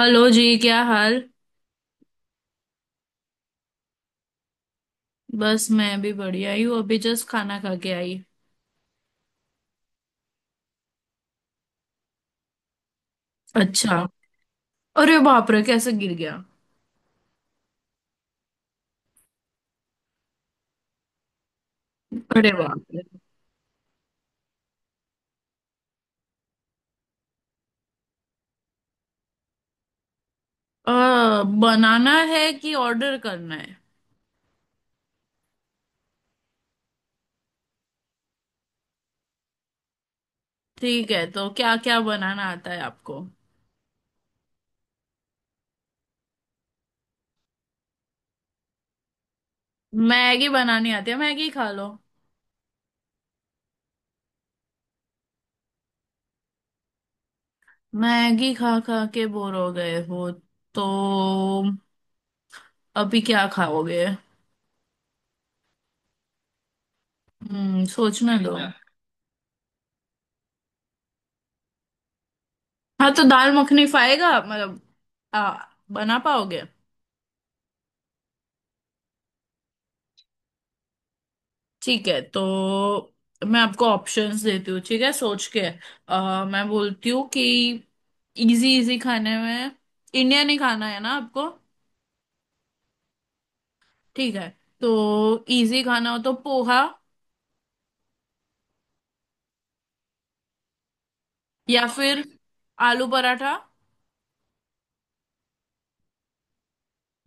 Hello जी, क्या हाल। बस मैं भी बढ़िया ही हूँ, अभी जस्ट खाना खा के आई। अच्छा। अरे बाप रे, कैसे गिर गया? अरे बाप रे। अ, बनाना है कि ऑर्डर करना है? ठीक है, तो क्या क्या बनाना आता है आपको? मैगी बनानी आती है, मैगी खा लो। मैगी खा खा के बोर हो गए हो? तो अभी क्या खाओगे? हम्म, सोचने दो। हाँ, तो दाल मखनी खाएगा मतलब? आ, बना पाओगे? ठीक है, तो मैं आपको ऑप्शंस देती हूँ, ठीक है, सोच के। मैं बोलती हूँ कि इजी इजी खाने में इंडियन ही खाना है ना आपको? ठीक है, तो इजी खाना हो तो पोहा। या फिर आलू पराठा।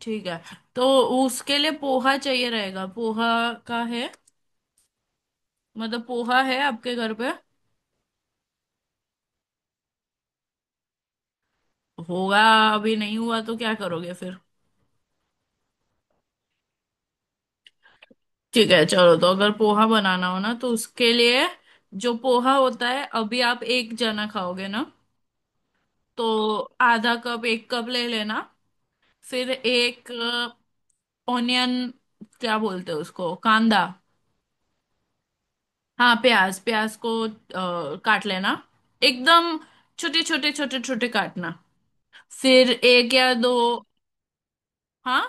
ठीक है, तो उसके लिए पोहा चाहिए। रहेगा पोहा, का है मतलब, पोहा है आपके घर पे? होगा। अभी नहीं हुआ तो क्या करोगे फिर? ठीक है, चलो, तो अगर पोहा बनाना हो ना तो उसके लिए जो पोहा होता है, अभी आप एक जना खाओगे ना? तो आधा कप एक कप ले लेना। फिर एक ऑनियन, क्या बोलते हैं उसको, कांदा? हाँ, प्याज, प्याज को काट लेना, एकदम छोटे छोटे छोटे छोटे काटना। फिर एक या दो। हाँ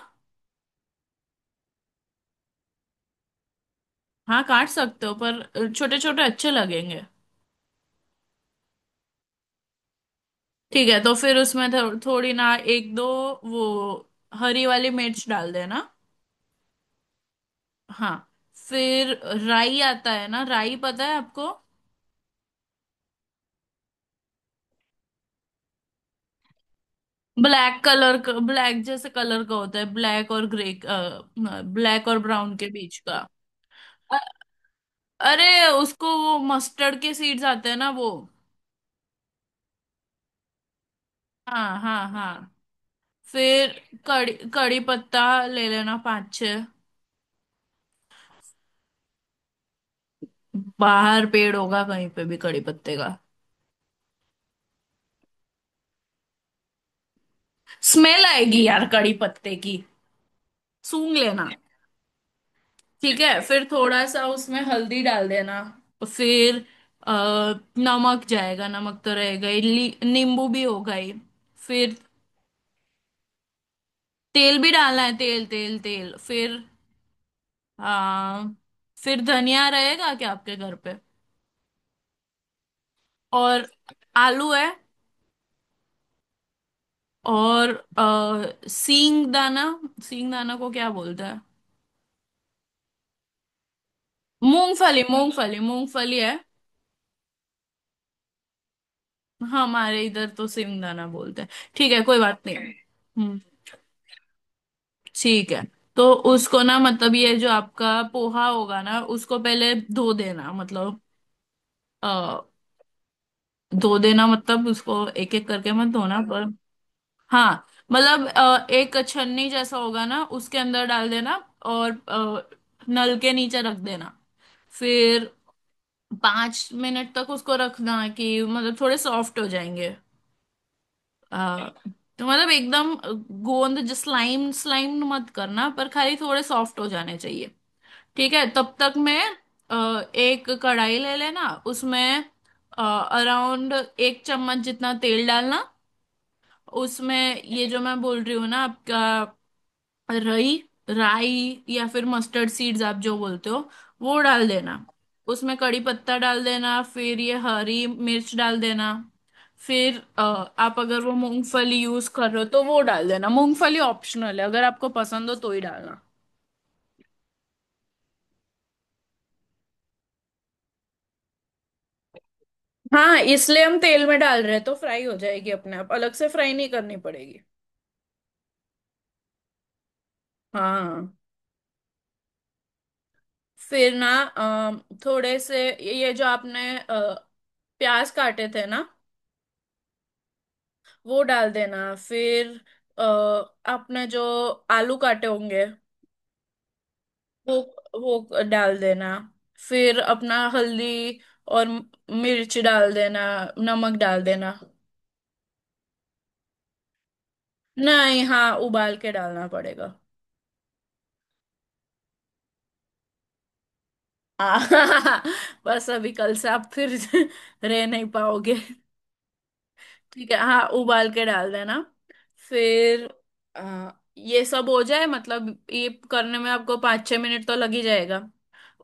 हाँ, काट सकते हो पर छोटे छोटे अच्छे लगेंगे। ठीक है, तो फिर उसमें थोड़ी ना, एक दो वो हरी वाली मिर्च डाल देना। हाँ। फिर राई, आता है ना? राई पता है आपको? ब्लैक कलर का, ब्लैक जैसे कलर का होता है, ब्लैक और ग्रे, ब्लैक और ब्राउन के बीच का। अ- अरे, उसको वो मस्टर्ड के सीड्स आते हैं ना, वो। हाँ हाँ हाँ। फिर कड़ी कड़ी पत्ता ले लेना, पाँच छः। बाहर पेड़ होगा कहीं पे भी कड़ी पत्ते का। स्मेल आएगी यार कड़ी पत्ते की, सूंघ लेना। ठीक है, फिर थोड़ा सा उसमें हल्दी डाल देना। फिर अ, नमक जाएगा, नमक तो रहेगा ही, नींबू भी होगा ही। फिर तेल भी डालना है, तेल तेल तेल। फिर आ, फिर धनिया रहेगा क्या आपके घर पे? और आलू है? और सींग दाना, सींग दाना को क्या बोलते हैं? मूंगफली, मूंगफली, मूंगफली है। हमारे इधर तो सींग दाना बोलते हैं। ठीक है, कोई बात नहीं। हम्म। ठीक है, तो उसको ना, मतलब ये जो आपका पोहा होगा ना उसको पहले धो देना, मतलब अ, धो देना, मतलब उसको एक एक करके मत धोना पर। हाँ, मतलब एक छन्नी जैसा होगा ना, उसके अंदर डाल देना और नल के नीचे रख देना। फिर 5 मिनट तक उसको रखना कि मतलब थोड़े सॉफ्ट हो जाएंगे। अ, तो मतलब एकदम गोंद जो, स्लाइम स्लाइम मत करना, पर खाली थोड़े सॉफ्ट हो जाने चाहिए। ठीक है, तब तक मैं अ, एक कढ़ाई ले लेना, उसमें अराउंड एक चम्मच जितना तेल डालना। उसमें ये जो मैं बोल रही हूँ ना आपका, रई राई या फिर मस्टर्ड सीड्स आप जो बोलते हो, वो डाल देना। उसमें कड़ी पत्ता डाल देना। फिर ये हरी मिर्च डाल देना। फिर आप अगर वो मूंगफली यूज कर रहे हो तो वो डाल देना। मूंगफली ऑप्शनल है, अगर आपको पसंद हो तो ही डालना। हाँ, इसलिए हम तेल में डाल रहे हैं तो फ्राई हो जाएगी अपने आप, अलग से फ्राई नहीं करनी पड़ेगी। हाँ। फिर ना थोड़े से ये जो आपने प्याज काटे थे ना, वो डाल देना। फिर अ, आपने जो आलू काटे होंगे वो वो डाल देना। फिर अपना हल्दी और मिर्च डाल देना, नमक डाल देना। नहीं, हाँ, उबाल के डालना पड़ेगा। आ, बस अभी कल से आप फिर रह नहीं पाओगे। ठीक है, हाँ, उबाल के डाल देना। फिर आ, ये सब हो जाए, मतलब ये करने में आपको 5-6 मिनट तो लग ही जाएगा।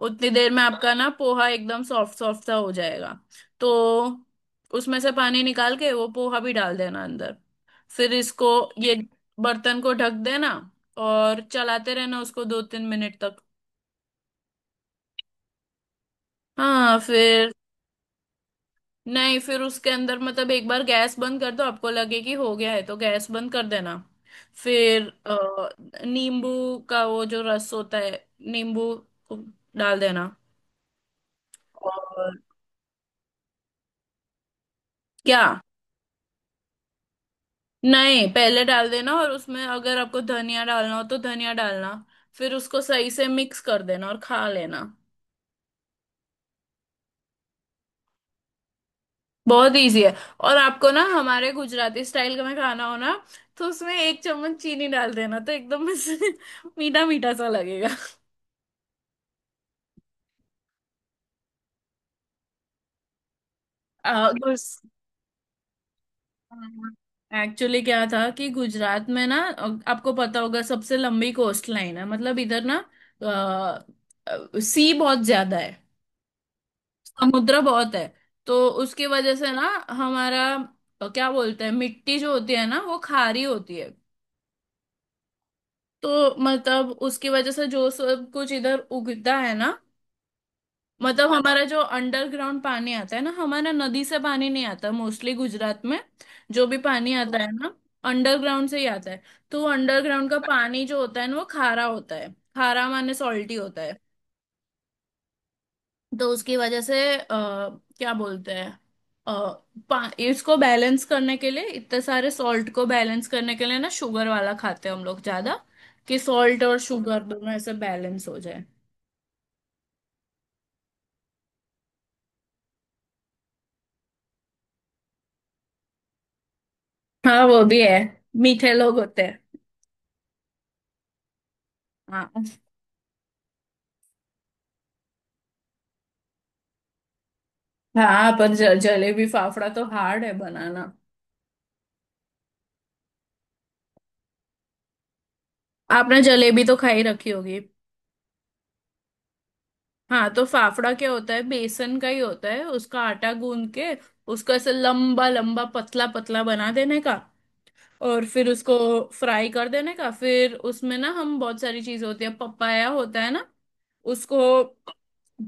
उतनी देर में आपका ना पोहा एकदम सॉफ्ट सॉफ्ट सा हो जाएगा। तो उसमें से पानी निकाल के वो पोहा भी डाल देना अंदर। फिर इसको, ये बर्तन को ढक देना। और चलाते रहना उसको 2-3 मिनट तक। हाँ, फिर नहीं, फिर उसके अंदर, मतलब एक बार गैस बंद कर दो, आपको लगे कि हो गया है तो गैस बंद कर देना। फिर नींबू का वो जो रस होता है, नींबू को डाल देना। और क्या? नहीं, पहले डाल देना और उसमें अगर आपको धनिया डालना हो तो धनिया डालना। फिर उसको सही से मिक्स कर देना और खा लेना। बहुत इजी है। और आपको ना हमारे गुजराती स्टाइल का में खाना हो ना, तो उसमें एक चम्मच चीनी डाल देना तो एकदम मीठा मीठा सा लगेगा। आ, गुस- एक्चुअली क्या था कि गुजरात में ना, आपको पता होगा, सबसे लंबी कोस्ट लाइन है मतलब इधर ना। सी बहुत ज्यादा है, समुद्र बहुत है। तो उसकी वजह से ना हमारा क्या बोलते हैं, मिट्टी जो होती है ना, वो खारी होती है। तो मतलब उसकी वजह से जो सब कुछ इधर उगता है ना, मतलब हमारा जो अंडरग्राउंड पानी आता है ना, हमारा नदी से पानी नहीं आता मोस्टली गुजरात में। जो भी पानी आता है ना, अंडरग्राउंड से ही आता है। तो अंडरग्राउंड का पानी जो होता है ना, वो खारा होता है। खारा माने सॉल्टी होता है। तो उसकी वजह से क्या बोलते हैं, अ, इसको बैलेंस करने के लिए, इतने सारे सॉल्ट को बैलेंस करने के लिए ना, शुगर वाला खाते हैं हम लोग ज्यादा। कि सॉल्ट और शुगर दोनों ऐसे बैलेंस हो जाए। हाँ वो भी है, मीठे लोग होते हैं। हाँ हाँ, पर जलेबी फाफड़ा तो हार्ड है बनाना। आपने जलेबी तो खाई रखी होगी। हाँ, तो फाफड़ा क्या होता है, बेसन का ही होता है, उसका आटा गूंद के उसको ऐसे लंबा लंबा पतला पतला बना देने का। और फिर उसको फ्राई कर देने का। फिर उसमें ना, हम, बहुत सारी चीजें होती है, पपाया होता है ना। उसको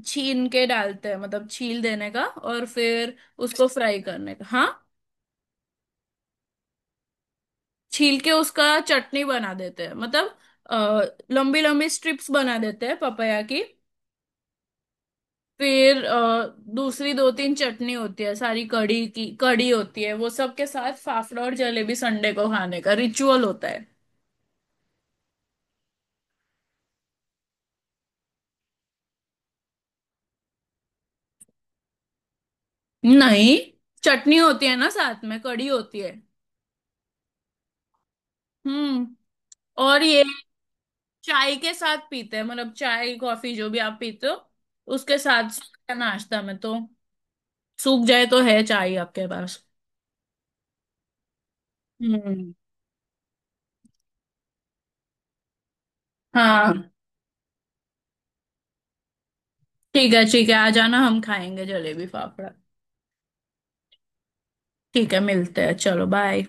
छीन के डालते हैं, मतलब छील देने का और फिर उसको फ्राई करने का, हाँ। छील के उसका चटनी बना देते हैं मतलब, अ, लंबी लंबी स्ट्रिप्स बना देते हैं पपाया की। फिर दूसरी दो तीन चटनी होती है, सारी कड़ी की कड़ी होती है, वो सब के साथ फाफड़ा और जलेबी संडे को खाने का रिचुअल होता है। नहीं, चटनी होती है ना, साथ में कड़ी होती है। हम्म। और ये चाय के साथ पीते हैं, मतलब चाय कॉफी जो भी आप पीते हो, उसके साथ सूखा नाश्ता में तो। सूख जाए तो है चाय आपके पास। हम्म, हाँ। ठीक है ठीक है, आ जाना, हम खाएंगे जलेबी फाफड़ा। ठीक है, मिलते हैं, चलो बाय।